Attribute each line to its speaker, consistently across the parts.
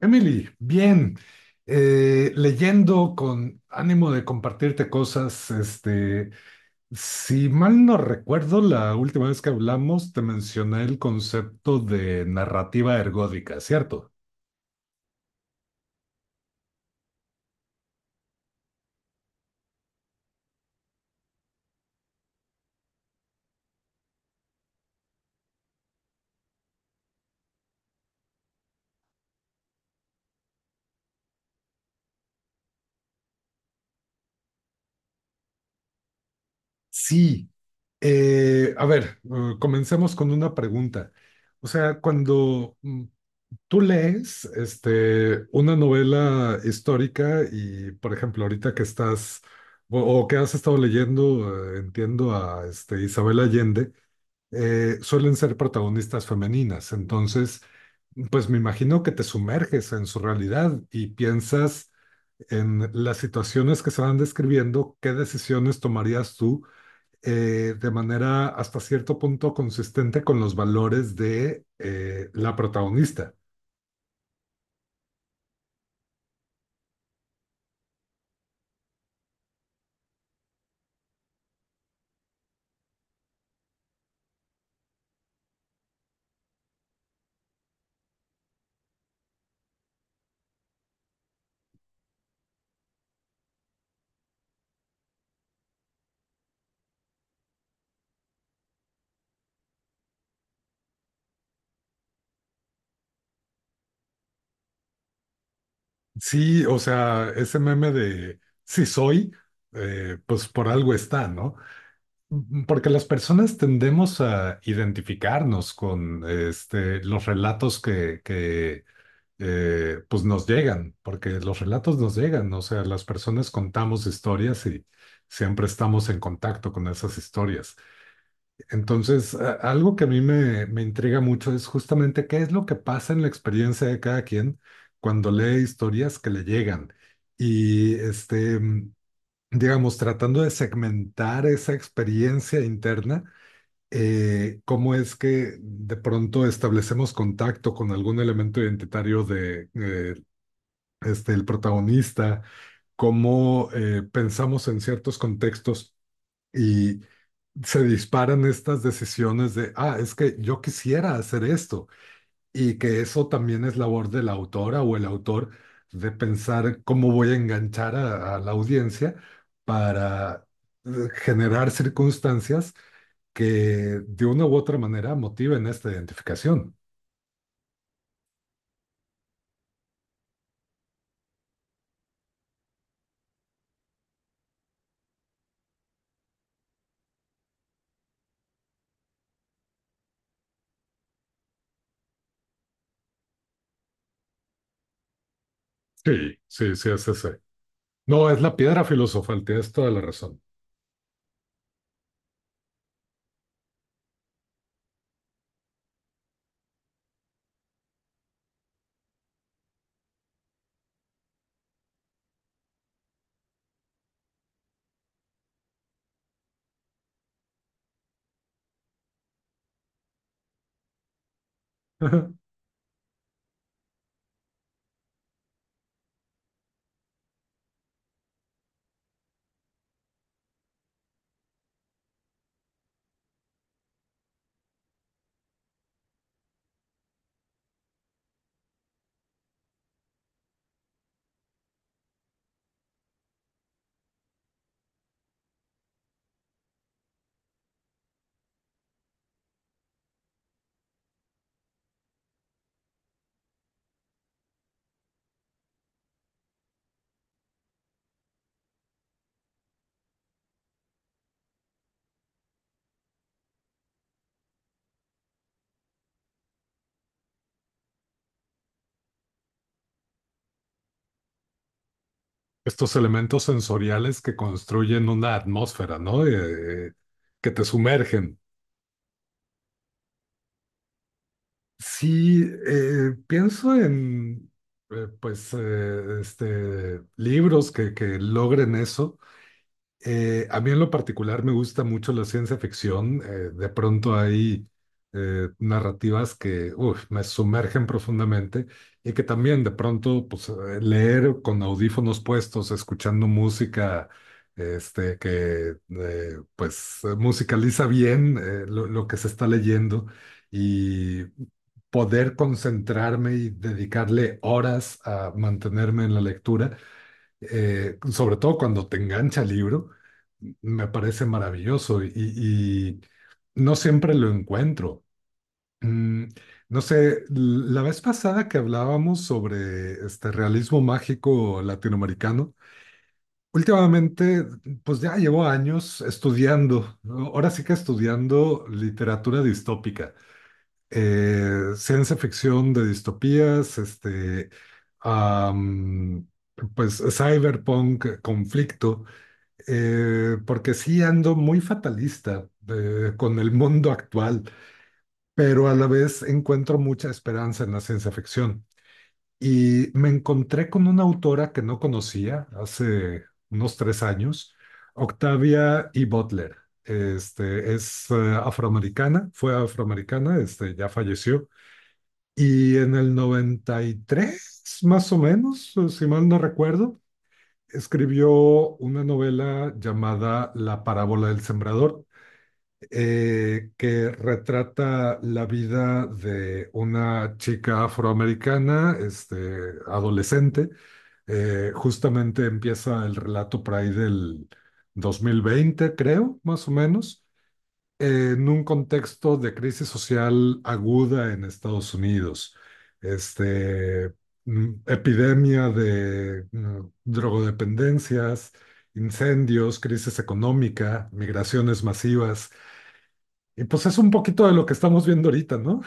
Speaker 1: Emily, bien, leyendo con ánimo de compartirte cosas, si mal no recuerdo, la última vez que hablamos te mencioné el concepto de narrativa ergódica, ¿cierto? Sí. A ver, comencemos con una pregunta. O sea, cuando tú lees una novela histórica y, por ejemplo, ahorita que estás o que has estado leyendo, entiendo a Isabel Allende. Suelen ser protagonistas femeninas. Entonces, pues me imagino que te sumerges en su realidad y piensas en las situaciones que se van describiendo, qué decisiones tomarías tú, de manera hasta cierto punto consistente con los valores de la protagonista. Sí, o sea, ese meme de si soy, pues por algo está, ¿no? Porque las personas tendemos a identificarnos con los relatos que, que pues nos llegan, porque los relatos nos llegan, o sea, las personas contamos historias y siempre estamos en contacto con esas historias. Entonces, algo que a mí me intriga mucho es justamente qué es lo que pasa en la experiencia de cada quien cuando lee historias que le llegan. Y, digamos, tratando de segmentar esa experiencia interna, cómo es que de pronto establecemos contacto con algún elemento identitario de, el protagonista, cómo pensamos en ciertos contextos. Y se disparan estas decisiones de, ah, es que yo quisiera hacer esto, y que eso también es labor de la autora o el autor, de pensar cómo voy a enganchar a, la audiencia para generar circunstancias que de una u otra manera motiven esta identificación. Sí, sí, sí, es ese. No, es la piedra filosofal, tienes toda la razón. Ajá. Estos elementos sensoriales que construyen una atmósfera, ¿no? Que te sumergen. Sí, pienso en libros que logren eso. A mí en lo particular me gusta mucho la ciencia ficción. De pronto hay narrativas que, uf, me sumergen profundamente, y que también de pronto pues, leer con audífonos puestos, escuchando música , que musicaliza bien lo que se está leyendo, y poder concentrarme y dedicarle horas a mantenerme en la lectura, sobre todo cuando te engancha el libro, me parece maravilloso, y no siempre lo encuentro. Mm, no sé, la vez pasada que hablábamos sobre este realismo mágico latinoamericano, últimamente, pues ya llevo años estudiando, ¿no? Ahora sí que estudiando literatura distópica, ciencia ficción de distopías, am, pues cyberpunk, conflicto, porque sí ando muy fatalista con el mundo actual, pero a la vez encuentro mucha esperanza en la ciencia ficción. Y me encontré con una autora que no conocía hace unos 3 años, Octavia E. Butler. Es afroamericana, fue afroamericana, ya falleció. Y en el 93, más o menos, si mal no recuerdo, escribió una novela llamada La parábola del sembrador, que retrata la vida de una chica afroamericana, adolescente. Justamente empieza el relato por ahí del 2020, creo, más o menos, en un contexto de crisis social aguda en Estados Unidos, este, epidemia de drogodependencias, incendios, crisis económica, migraciones masivas. Y pues es un poquito de lo que estamos viendo ahorita, ¿no?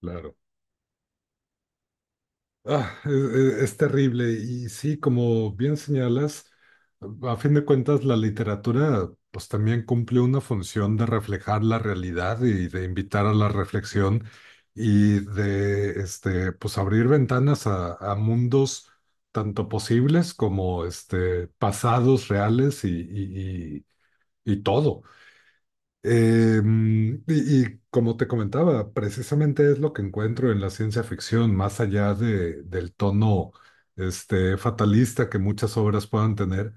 Speaker 1: Claro. Ah, es terrible. Y sí, como bien señalas, a fin de cuentas la literatura pues también cumple una función de reflejar la realidad y de invitar a la reflexión, y de pues abrir ventanas a, mundos tanto posibles como pasados reales, y, y todo. Y como te comentaba, precisamente es lo que encuentro en la ciencia ficción, más allá del tono fatalista que muchas obras puedan tener.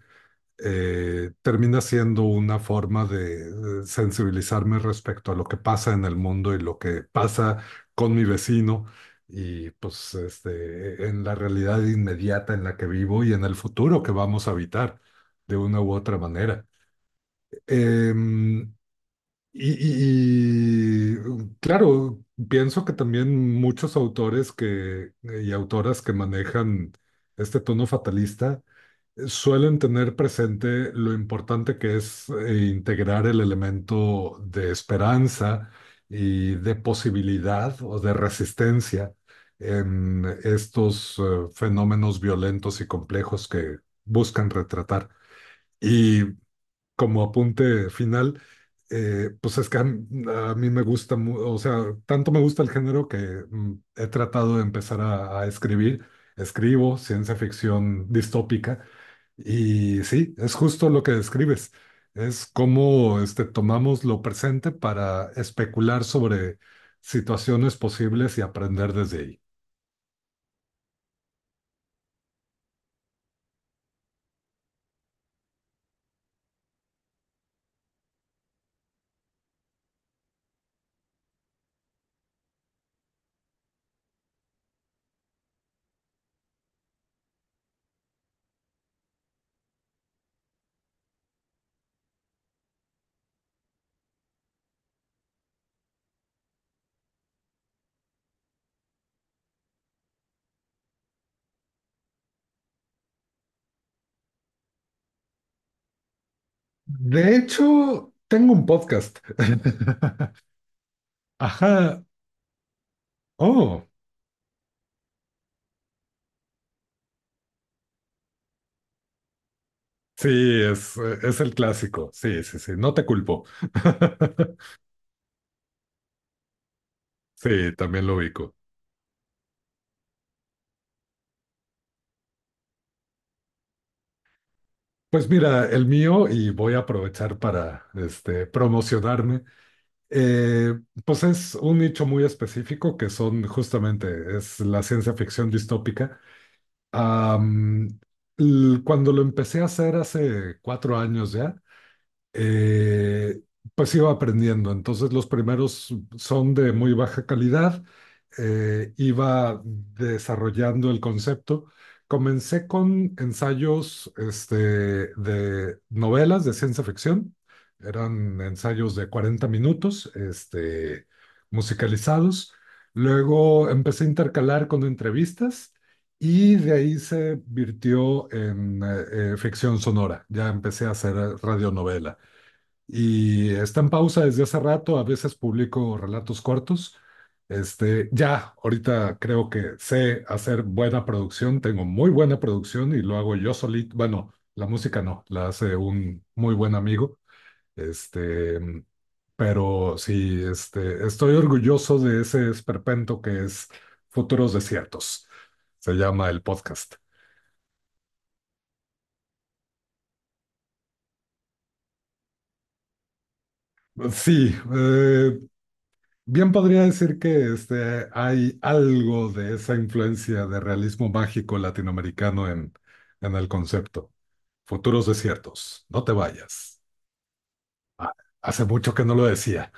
Speaker 1: Termina siendo una forma de sensibilizarme respecto a lo que pasa en el mundo y lo que pasa con mi vecino, y pues en la realidad inmediata en la que vivo y en el futuro que vamos a habitar de una u otra manera. Em, y, claro, pienso que también muchos autores, que, y autoras, que manejan este tono fatalista suelen tener presente lo importante que es integrar el elemento de esperanza y de posibilidad o de resistencia en estos fenómenos violentos y complejos que buscan retratar. Y como apunte final, pues es que a mí me gusta, o sea, tanto me gusta el género que, he tratado de empezar a escribir. Escribo ciencia ficción distópica y sí, es justo lo que describes. Es cómo, tomamos lo presente para especular sobre situaciones posibles y aprender desde ahí. De hecho, tengo un podcast. Ajá. Oh. Sí, es el clásico. Sí, sí, sí. No te culpo. Sí, también lo ubico. Pues mira, el mío, y voy a aprovechar para promocionarme. eh, pues es un nicho muy específico que son justamente, es la ciencia ficción distópica. Am, Cuando lo empecé a hacer hace 4 años ya, eh, pues iba aprendiendo. Entonces los primeros son de muy baja calidad, iba desarrollando el concepto. Comencé con ensayos, de novelas de ciencia ficción. Eran ensayos de 40 minutos, musicalizados. Luego empecé a intercalar con entrevistas. Y de ahí se virtió en ficción sonora. Ya empecé a hacer radionovela, y está en pausa desde hace rato. A veces publico relatos cortos. Ya, ahorita creo que sé hacer buena producción, tengo muy buena producción y lo hago yo solito. Bueno, la música no, la hace un muy buen amigo. Este, pero sí, estoy orgulloso de ese esperpento que es Futuros Desiertos. Se llama el podcast. Sí, bien podría decir que hay algo de esa influencia de realismo mágico latinoamericano en, el concepto. Futuros desiertos, no te vayas. Ah, hace mucho que no lo decía.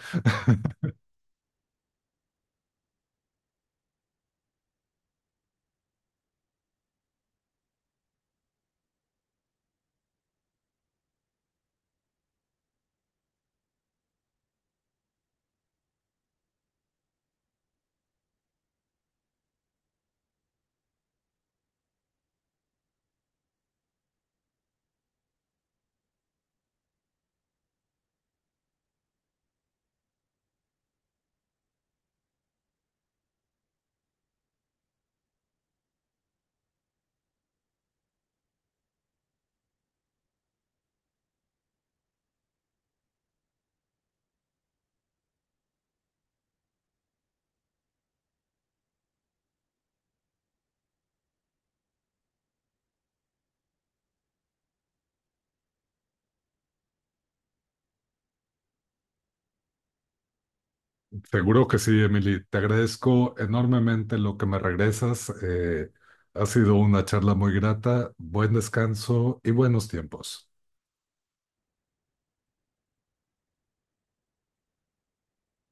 Speaker 1: Seguro que sí, Emily. Te agradezco enormemente lo que me regresas. Ha sido una charla muy grata. Buen descanso y buenos tiempos.